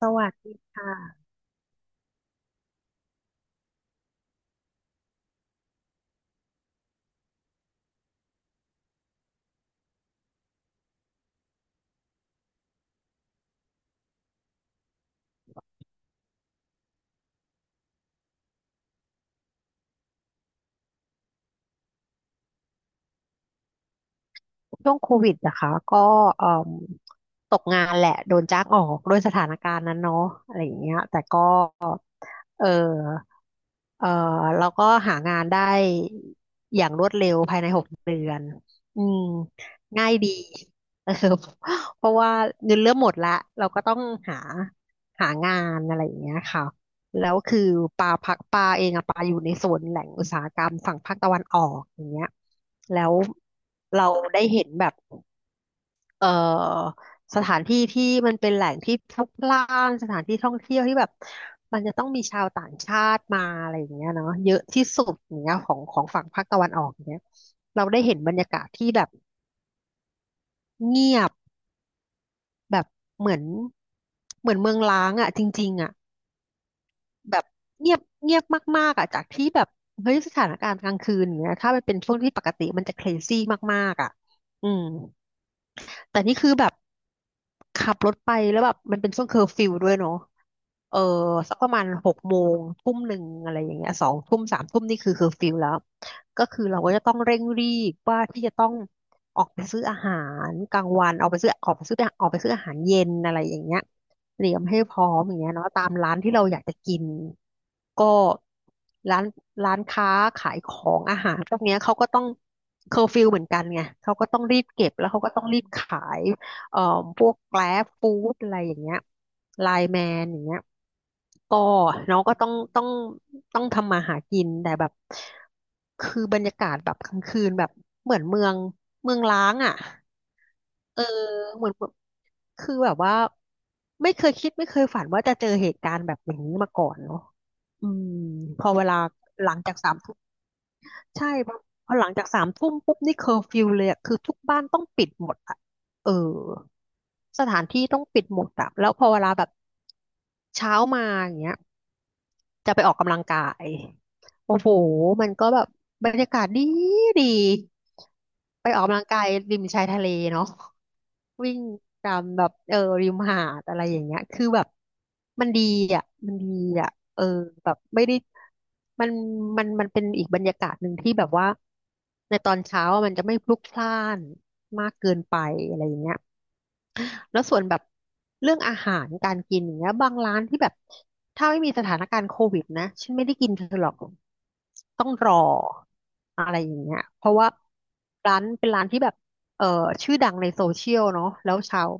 สวัสดีค่ะช่วงโควิดนะคะก็เอ่มตกงานแหละโดนจ้างออกด้วยสถานการณ์นั้นเนาะอะไรอย่างเงี้ยแต่ก็ เออเออแล้วก็หางานได้อย่างรวดเร็วภายใน6 เดือนอืมง่ายดี เออเพราะว่าเงินเริ่มหมดละเราก็ต้องหาหางานอะไรอย่างเงี้ยค่ะแล้วคือปลาพักปลาเองอะปลาอยู่ในโซนแหล่งอุตสาหกรรมฝั่งภาคตะวันออกอย่างเงี้ยแล้วเราได้เห็นแบบ เอ่อสถานที่ที่มันเป็นแหล่งที่พลุกพล่านสถานที่ท่องเที่ยวที่แบบมันจะต้องมีชาวต่างชาติมาอะไรอย่างเงี้ยเนาะเยอะที่สุดอย่างเงี้ยของของฝั่งภาคตะวันออกอย่างเงี้ยเราได้เห็นบรรยากาศที่แบบเงียบแบบเหมือนเหมือนเมืองร้างอ่ะจริงๆอ่ะแบบเงียบเงียบมากๆอ่ะจากที่แบบเฮ้ยสถานการณ์กลางคืนอย่างเงี้ยถ้ามันเป็นช่วงที่ปกติมันจะเครซี่มากๆอ่ะอืม แต่นี่คือแบบขับรถไปแล้วแบบมันเป็นช่วงเคอร์ฟิวด้วยเนาะเออสักประมาณ6 โมง1 ทุ่มอะไรอย่างเงี้ย2 ทุ่มสามทุ่มนี่คือเคอร์ฟิวแล้วก็คือเราก็จะต้องเร่งรีบว่าที่จะต้องออกไปซื้ออาหารกลางวันออกไปซื้ออาหารเย็นอะไรอย่างเงี้ย เตรียมให้พร้อมอย่างเงี้ยเนาะตามร้านที่เราอยากจะกินก็ร้านร้านค้าขายของอาหารพวกเนี้ยเขาก็ต้องเคอร์ฟิวเหมือนกันไงเขาก็ต้องรีบเก็บแล้วเขาก็ต้องรีบขายเอ่อพวกแกร็บฟู้ดอะไรอย่างเงี้ยไลน์แมนอย่างเงี้ยก็เนาะก็ต้องทำมาหากินแต่แบบคือบรรยากาศแบบกลางคืนแบบเหมือนเมืองล้างอ่ะ เออเหมือนแบบคือแบบว่าไม่เคยคิดไม่เคยฝันว่าจะเจอเหตุการณ์แบบอย่างนี้มาก่อนเนาะอืมพอเวลาหลังจากสามทุ่มใช่พอหลังจากสามทุ่มปุ๊บนี่เคอร์ฟิวเลยอะคือทุกบ้านต้องปิดหมดอะเออสถานที่ต้องปิดหมดอะแล้วพอเวลาแบบเช้ามาอย่างเงี้ยจะไปออกกำลังกายโอ้โหมันก็แบบบรรยากาศดีดีไปออกกำลังกายริมชายทะเลเนาะ วิ่งตามแบบริมหาดอะไรอย่างเงี้ยคือแบบมันดีอ่ะมันดีอ่ะแบบไม่ได้มันมันเป็นอีกบรรยากาศหนึ่งที่แบบว่าในตอนเช้าอะมันจะไม่พลุกพล่านมากเกินไปอะไรอย่างเงี้ย แล้วส่วนแบบเรื่องอาหารการกินอย่างเงี้ยบางร้านที่แบบถ้าไม่มีสถานการณ์โควิดนะฉันไม่ได้กินเธอหรอกต้องรออะไรอย่างเงี้ยเพราะว่าร้านเป็นร้านที่แบบเอ่อชื่อดังในโซเชียลเนาะแล้วชาว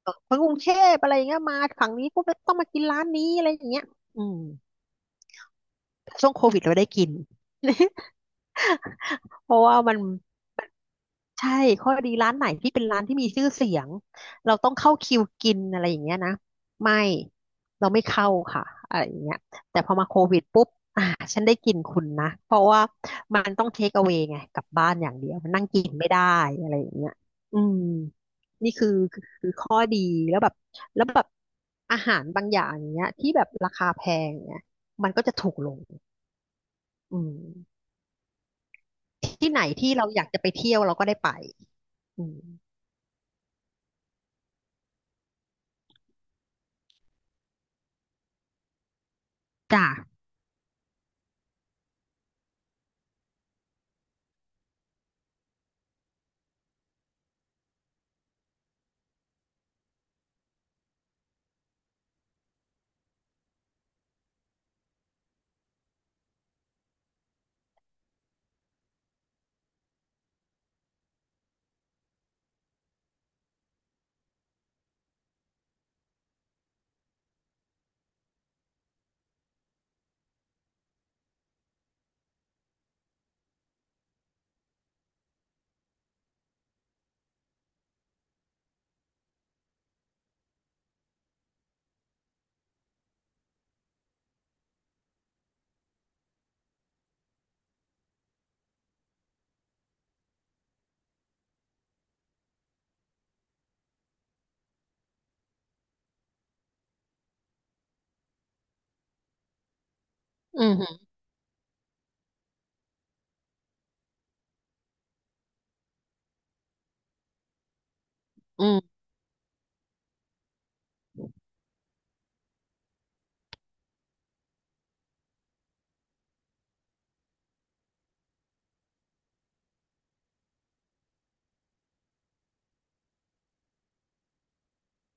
คนกรุงเทพอะไรอย่างเงี้ยมาฝั่งนี้ปุ๊บแล้วต้องมากินร้านนี้อะไรอย่างเงี้ยอืมช่วงโควิดเราได้กิน เพราะว่ามัน ใช่ข้อดีร้านไหนที่เป็นร้านที่มีชื่อเสียงเราต้องเข้าคิวกินอะไรอย่างเงี้ยนะไม่เราไม่เข้าค่ะอะไรอย่างเงี้ยแต่พอมาโควิดปุ๊บอ่าฉันได้กินคุณนะเพราะว่ามันต้องเทคเอา a y ไงกลับบ้านอย่างเดียวมันนั่งกินไม่ได้อะไรอย่างเงี้ยอืมนี่คือข้อดีแล้วแบบแล้วแบบอาหารบางอย่างเนี้ยที่แบบราคาแพงเนี่ยมันก็จะถูกลงอืมที่ไหนที่เราอยากจะไปเที่ยวเราก็ได้ไปอืมจ้ะ อืมอืม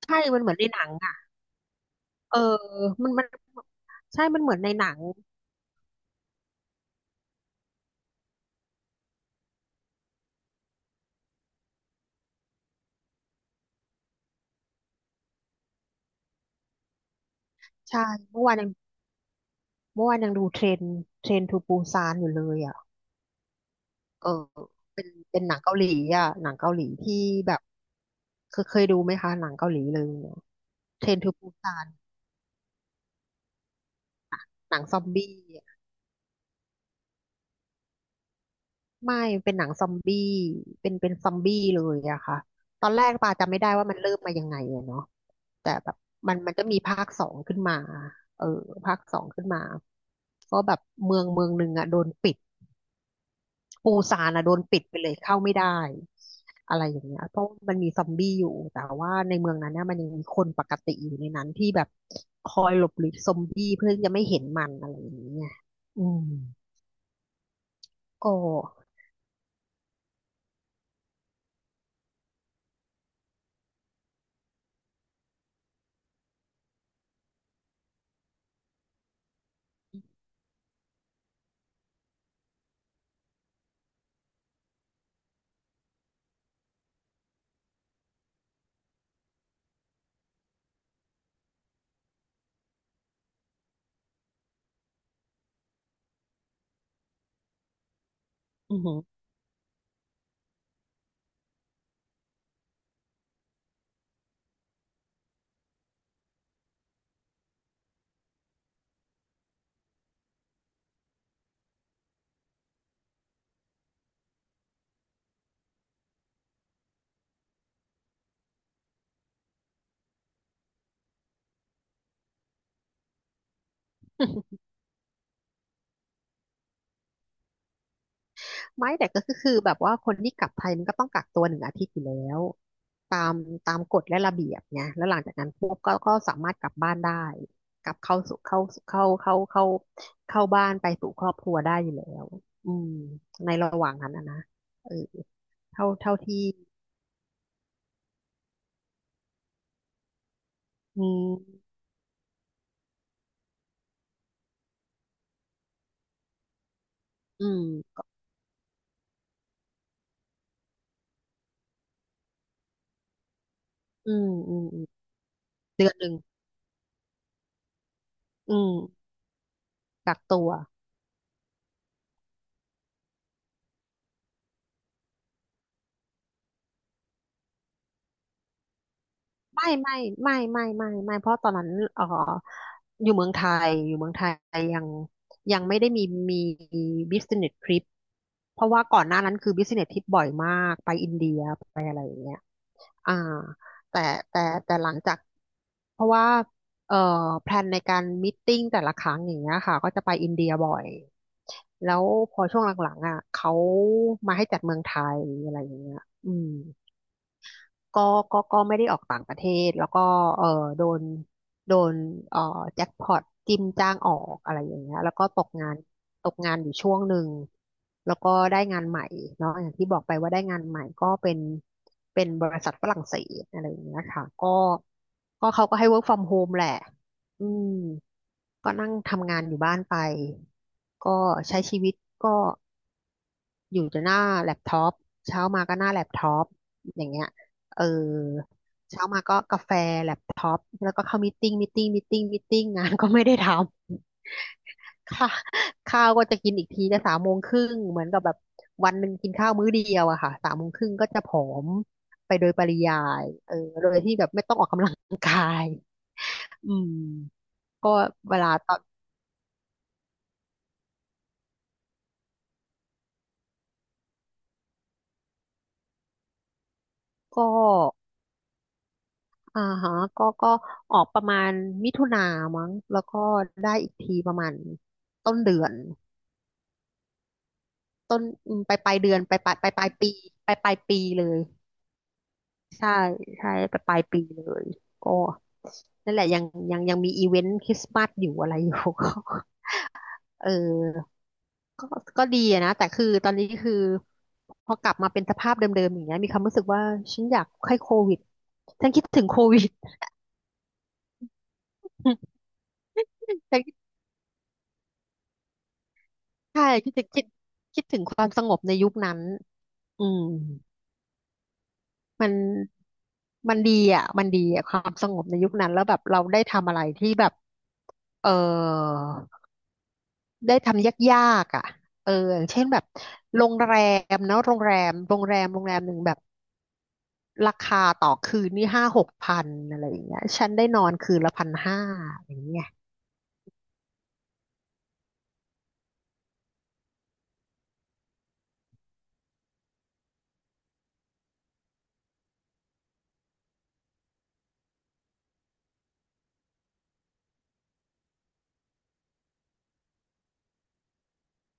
ใช่มันเหมือนในหนังอ่ะเออมันใช่มันเหมือนในหนังใช่เมื่อวานยังเมื่อวานยังดูเทรนทูปูซานอยู่เลยอ่ะเออเป็นหนังเกาหลีอ่ะหนังเกาหลีที่แบบเคยดูไหมคะหนังเกาหลีเลยเนี่ยเทรนทูปูซานหนังซอมบี้ ไม่เป็นหนังซอมบี้เป็นซอมบี้เลยอะค่ะตอนแรกปาจำไม่ได้ว่ามันเริ่มมายังไงอะเนาะแต่แบบมันก็มีภาคสองขึ้นมาเออภาคสองขึ้นมาก็แบบเมืองหนึ่งอะโดนปิดปูซานอะโดนปิดไปเลยเข้าไม่ได้อะไรอย่างเงี้ยเพราะมันมีซอมบี้อยู่แต่ว่าในเมืองนั้นเนี่ยมันยังมีคนปกติอยู่ในนั้นที่แบบคอยหลบหลีกซอมบี้เพื่อจะไม่เห็นมันอะไรอย่างเงี้ยอืมก็อืม ไม่แต่ก็คือแบบว่าคนที่กลับไทยมันก็ต้องกักตัวหนึ่งอาทิตย์อยู่แล้วตามตามกฎและระเบียบไงแล้วหลังจากนั้นพวกก็สามารถกลับบ้านได้กลับเข้าสู่เข้าเข้าเข้าเข้าเข้าบ้านไปสู่ครอบครัวได้อยู่แล้วอืมในระหว่างนั้นนะเออเท่าที่อืมอืมอืมอืมอืมเดือนหนึ่งอืมกักตัว ไม่ไม่ไม่เพราะตอนนั้นเอ่ออยู่เมืองไทยอยู่เมืองไทยยังไม่ได้มี business trip เพราะว่าก่อนหน้านั้นคือ business trip บ่อยมากไปอินเดียอ่าแต่แต่แต่หลังจากเพราะว่าเอ่อแพลนในการมิทติ้งแต่ละครั้งอย่างเงี้ยค่ะก็จะไปอินเดียบ่อยแล้วพอช่วงหลังๆอ่ะเขามาให้จัดเมืองไทยอะไรอย่างเงี้ยอืม ก็ก็ไม่ได้ออกต่างประเทศแล้วก็เออโดนโดนเออแจ็คพอตจิ้มจ้างออกอะไรอย่างเงี้ยแล้วก็ตกงานตกงานอยู่ช่วงหนึ่ง แล้วก็ได้งานใหม่เนาะอย่างที่บอกไปว่าได้งานใหม่ก็เป็นเป็นบริษัทฝรั่งเศสอะไรอย่างเงี้ยค่ะก็เขาก็ให้ work from home แหละอืมก็นั่งทำงานอยู่บ้านไป ก็ใช้ชีวิตก็ อยู่แต่หน้าแล็ปท็อปเช้ามาก็หน้าแล็ปท็อปอย่างเงี้ยเออเช้ามาก็กาแฟแล็ปท็อปแล้วก็เข้ามีตติ้งงานก็ไม่ได้ทำ ค่ะข้าวก็จะกินอีกทีจะสามโมงครึ่งเหมือนกับแบบวันหนึ่งกินข้าวมื้อเดียวอะค่ะสามโมงครึ่งก็จะผอมไปโดยปริยายเออโดยที่แบบไม่ต้องออกกำลังกายอืมก็เวลาตอนก็ อ่าฮะก็ออกประมาณมิถุนามั้งแล้วก็ได้อีกทีประมาณต้นเดือนต้นอืมปลายเดือนปลายปลายปลายปลายปีปลายปีเลยใช่ใช่ปลายปีเลยก็นั่นแหละยังมีอีเวนต์คริสต์มาสอยู่อะไรอยู่ ก็เออก็ก็ดีอะนะแต่คือตอนนี้คือพอกลับมาเป็นสภาพเดิมๆอย่างเงี้ยมีความรู้สึกว่าฉันอยากให้โควิดฉันคิดถึงโควิด ใช่คิดถึงคิดถึงความสงบในยุคนั้นอืมมันมันดีอ่ะมันดีอ่ะความสงบในยุคนั้นแล้วแบบเราได้ทำอะไรที่แบบเออได้ทำยากๆอ่ะเอออย่างเช่นแบบโรงแรมเนาะโรงแรมหนึ่งแบบราคาต่อคืนนี่ห้าหกพันอะไรอย่างเงี้ยฉันได้นอนคืนละพันห้าอย่างเงี้ย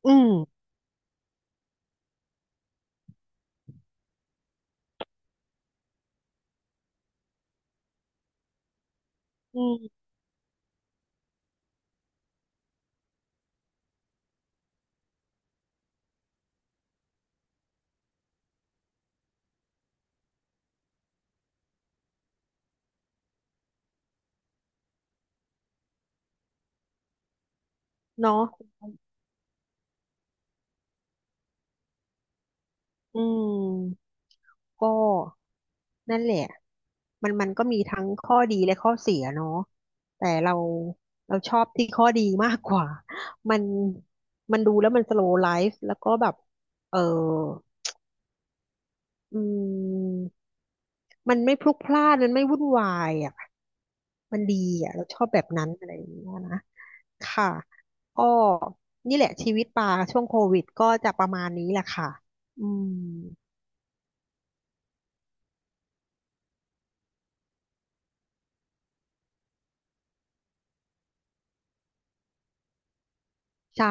อืมอืมเนาะอืม ก็นั่นแหละมันก็มีทั้งข้อดีและข้อเสียเนาะแต่เราเราชอบที่ข้อดีมากกว่า มันมันดูแล้วมันสโลว์ไลฟ์แล้วก็แบบเอออืมมันไม่พลุกพล่านมันไม่วุ่นวายอ่ะมันดีอ่ะเราชอบแบบนั้นอะไรอย่างเงี้ยนะค่ะก็นี่แหละชีวิตปลาช่วงโควิดก็จะประมาณนี้แหละค่ะอืมใช่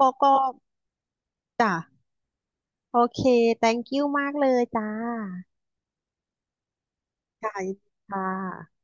ก็จ้ะ โอเค thank you มากเลยจ้าค่ะยินดีค่ะ